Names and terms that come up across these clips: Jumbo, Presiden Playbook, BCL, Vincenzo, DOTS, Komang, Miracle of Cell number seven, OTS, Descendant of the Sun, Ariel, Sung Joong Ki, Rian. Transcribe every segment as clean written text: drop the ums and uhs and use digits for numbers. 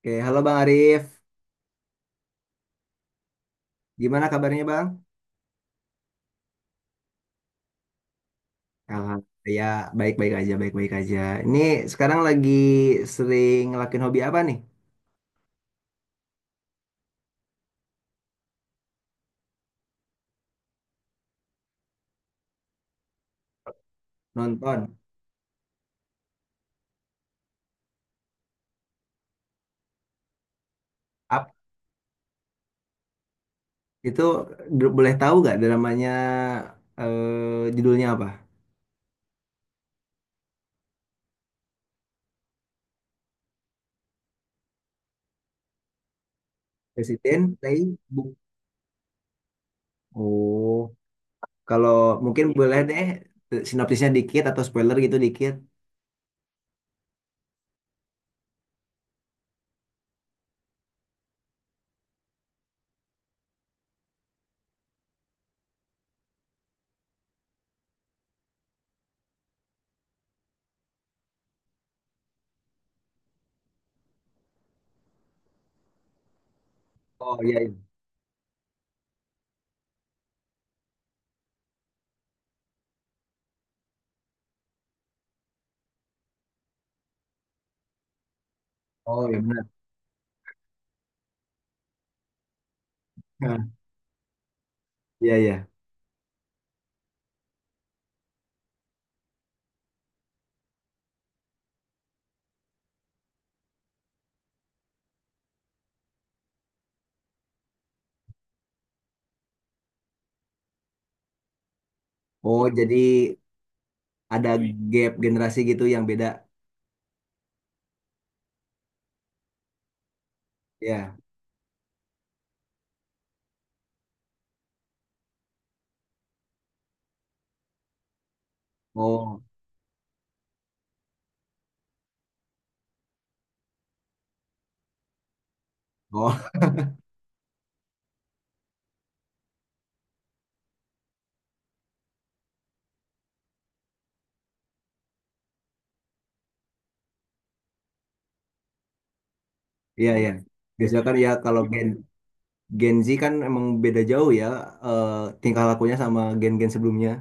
Oke, halo Bang Arif. Gimana kabarnya Bang? Alhamdulillah, ya baik-baik aja. Ini sekarang lagi sering ngelakuin hobi apa nih? Nonton. Up. Itu boleh tahu nggak dramanya judulnya apa? Presiden Playbook. Oh, kalau mungkin boleh deh, sinopsisnya dikit atau spoiler gitu dikit. Oh iya, iya. Oh iya benar. Hah, iya iya. Oh jadi ada gap generasi gitu yang beda. Ya. Oh. Oh. Iya, iya. Biasanya kan ya kalau Gen Gen Z kan emang beda jauh ya, eh, tingkah lakunya sama gen-gen sebelumnya.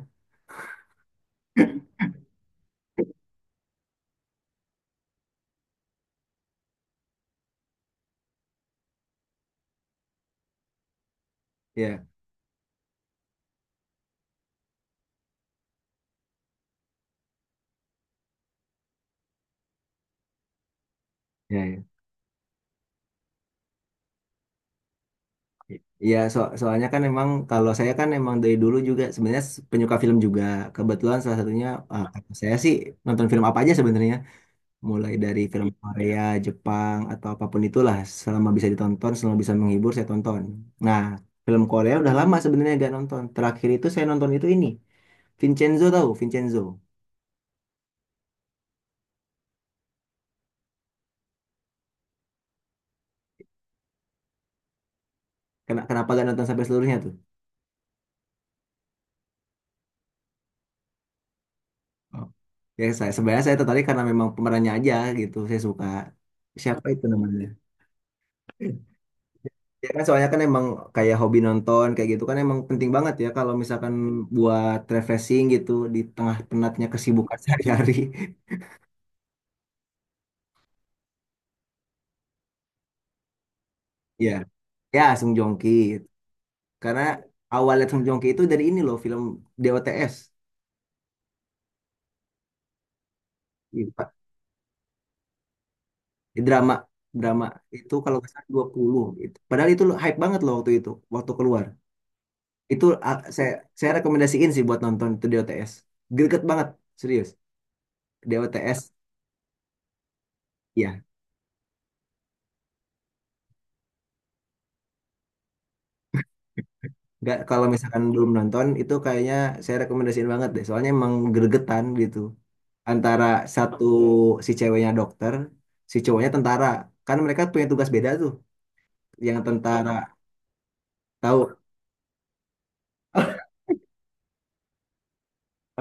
Iya, iya, iya. Iya, soalnya kan emang kalau saya kan emang dari dulu juga sebenarnya penyuka film juga. Kebetulan salah satunya, ah, kalau saya sih nonton film apa aja sebenarnya, mulai dari film Korea, Jepang atau apapun itulah selama bisa ditonton, selama bisa menghibur saya tonton. Nah, film Korea udah lama sebenarnya gak nonton. Terakhir itu saya nonton itu ini, Vincenzo tahu, Vincenzo. Kenapa gak nonton sampai seluruhnya tuh? Oh. Ya saya sebenarnya saya tertarik karena memang pemerannya aja gitu. Saya suka siapa itu namanya? Ya kan soalnya kan emang kayak hobi nonton kayak gitu kan emang penting banget ya kalau misalkan buat refreshing gitu di tengah penatnya kesibukan sehari-hari. Ya, ya Sung Joong Ki. Karena awalnya Sung Joong Ki itu dari ini loh film DOTS. Iya, Pak. Di drama drama itu kalau nggak salah 20. Gitu. Padahal itu hype banget loh waktu itu, waktu keluar. Itu ah, saya rekomendasiin sih buat nonton itu di OTS. Greget banget, serius. Di OTS, ya. Nggak, kalau misalkan belum nonton, itu kayaknya saya rekomendasiin banget deh. Soalnya emang gregetan gitu. Antara satu si ceweknya dokter, si cowoknya tentara. Kan mereka punya tugas beda tuh. Yang tentara, tahu?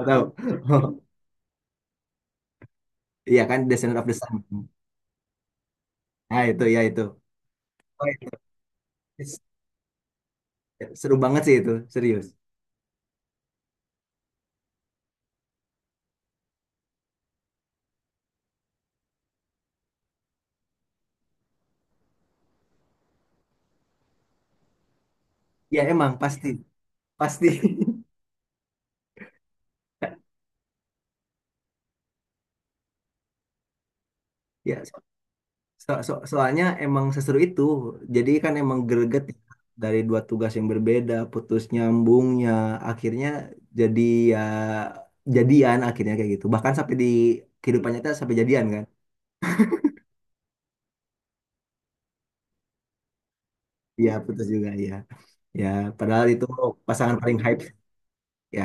Tahu? Iya kan, Descendant of the Sun. Nah itu, ya itu. Oh, itu. Seru banget sih itu, serius. Ya emang, pasti. Pasti. Ya, soalnya emang seseru itu. Jadi kan emang greget ya. Dari dua tugas yang berbeda, putus nyambungnya, akhirnya jadi ya jadian akhirnya kayak gitu. Bahkan sampai di kehidupan nyata sampai jadian kan. Iya, putus juga ya. Ya, padahal itu pasangan paling hype ya.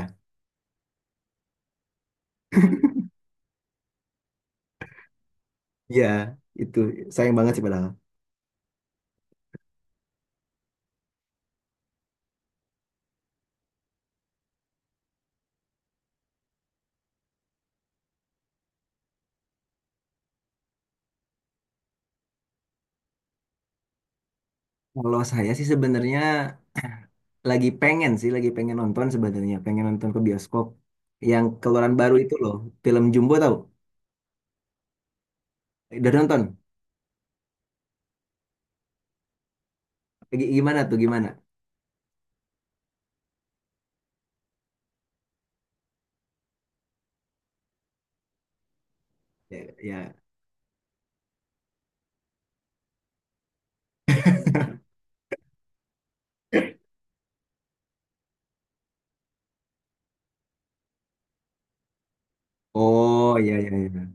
Iya, itu sayang banget sih padahal. Kalau saya sih sebenarnya lagi pengen sih, lagi pengen nonton sebenarnya, pengen nonton ke bioskop yang keluaran baru itu loh, film Jumbo tahu? Udah nonton? Gimana tuh, gimana? Ya, ya. Oh, ya, ya, ya.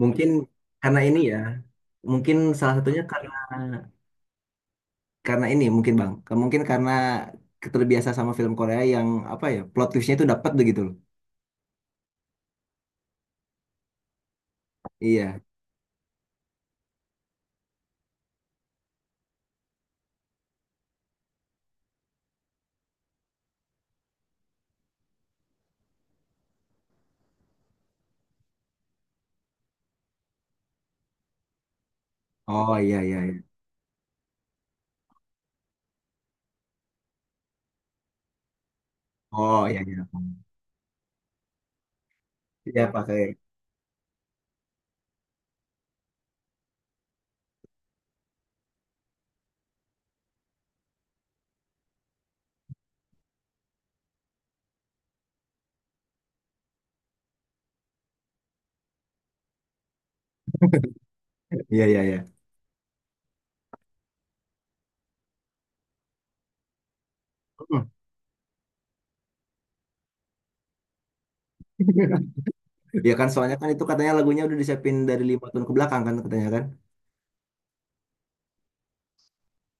Mungkin karena ini ya, mungkin salah satunya karena ini mungkin Bang, mungkin karena terbiasa sama film Korea yang apa ya, plot twistnya itu dapat begitu loh. Iya. Oh, iya, iya, iya. Oh, iya, iya. Iya, pakai. Iya, iya, iya. Hmm. Ya kan soalnya kan itu katanya lagunya udah disiapin dari 5 tahun ke belakang kan katanya kan.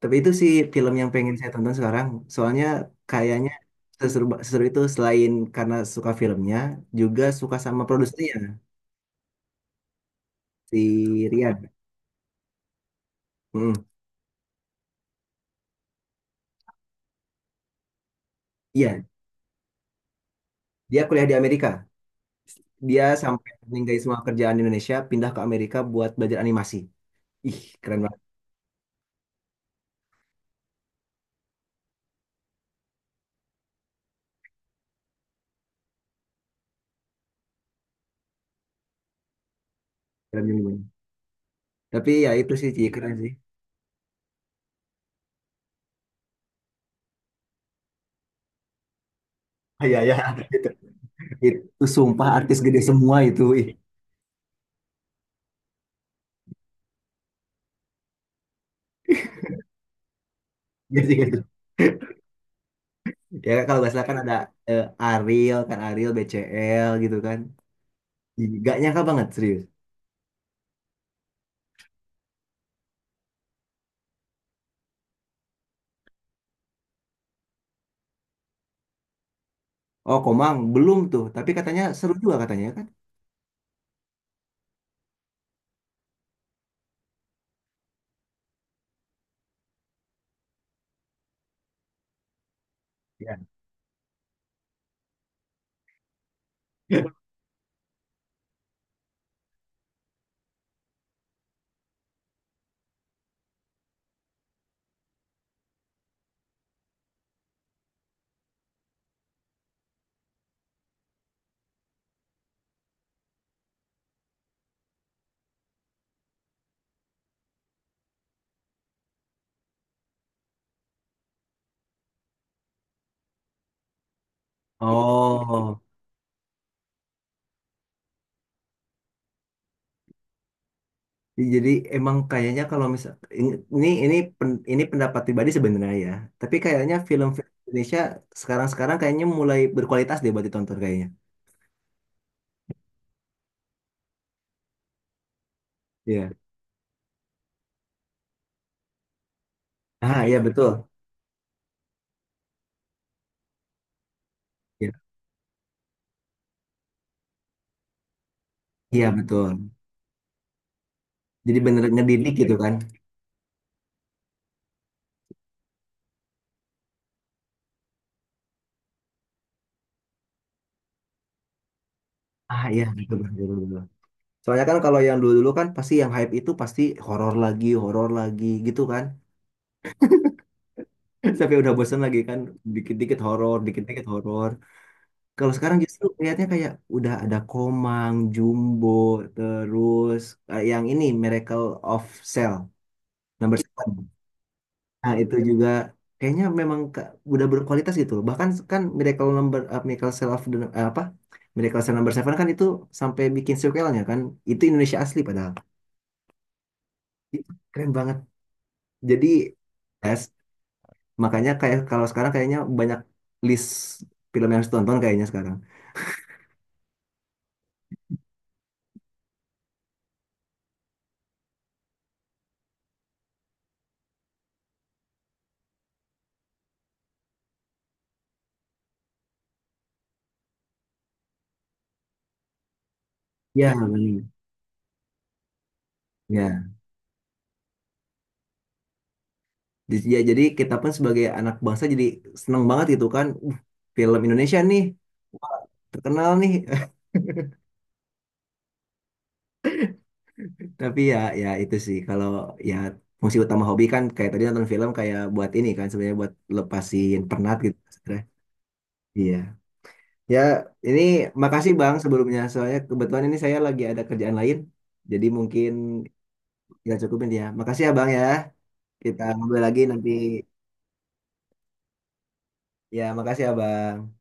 Tapi itu sih film yang pengen saya tonton sekarang. Soalnya kayaknya seseru, seseru itu selain karena suka filmnya, juga suka sama produsernya, si Rian. Mm. Iya, dia kuliah di Amerika. Dia sampai meninggalkan semua kerjaan di Indonesia, pindah ke Amerika buat belajar animasi. Ih, keren banget filmnya gimana. Tapi ya itu sih, Ci, keren sih. Ah, iya, iya, itu, itu sumpah artis gede semua itu. Ih, iya sih, iya sih. Ya kalau nggak salah kan ada, Ariel, kan Ariel, BCL gitu kan. Ih, gak nyangka banget, serius. Oh, Komang, belum tuh. Tapi katanya seru juga katanya kan? Iya. Oh, jadi emang kayaknya kalau misal ini ini ini pendapat pribadi sebenarnya ya. Tapi kayaknya film Indonesia sekarang-sekarang kayaknya mulai berkualitas deh buat ditonton kayaknya. Iya. Ah, iya betul. Iya, iya, betul. Jadi bener ngedidik gitu kan. Ah, iya betul betul, betul, betul. Soalnya kan kalau yang dulu-dulu kan pasti yang hype itu pasti horor lagi gitu kan. Sampai udah bosen lagi kan, dikit-dikit horor, dikit-dikit horor. Kalau sekarang justru lihatnya kayak udah ada Komang, Jumbo, terus yang ini Miracle of Cell number 7. Nah, itu juga kayaknya memang udah berkualitas gitu loh. Bahkan kan Miracle number eh, Miracle Cell of the, eh, apa? Miracle Cell number 7 kan itu sampai bikin sequelnya kan. Itu Indonesia asli padahal. Itu keren banget. Jadi yes, makanya kayak kalau sekarang kayaknya banyak list film yang harus ditonton kayaknya sekarang. Ya, benar. Ya. Ya, jadi kita pun sebagai anak bangsa jadi seneng banget gitu kan. Film Indonesia nih terkenal nih. Tapi ya ya itu sih kalau ya fungsi utama hobi kan kayak tadi nonton film kayak buat ini kan sebenarnya buat lepasin penat gitu sebenarnya. Iya. Ya, ini makasih Bang sebelumnya soalnya kebetulan ini saya lagi ada kerjaan lain. Jadi mungkin kita cukupin ya. Makasih ya Bang ya. Kita ngobrol lagi nanti. Ya, makasih ya Bang.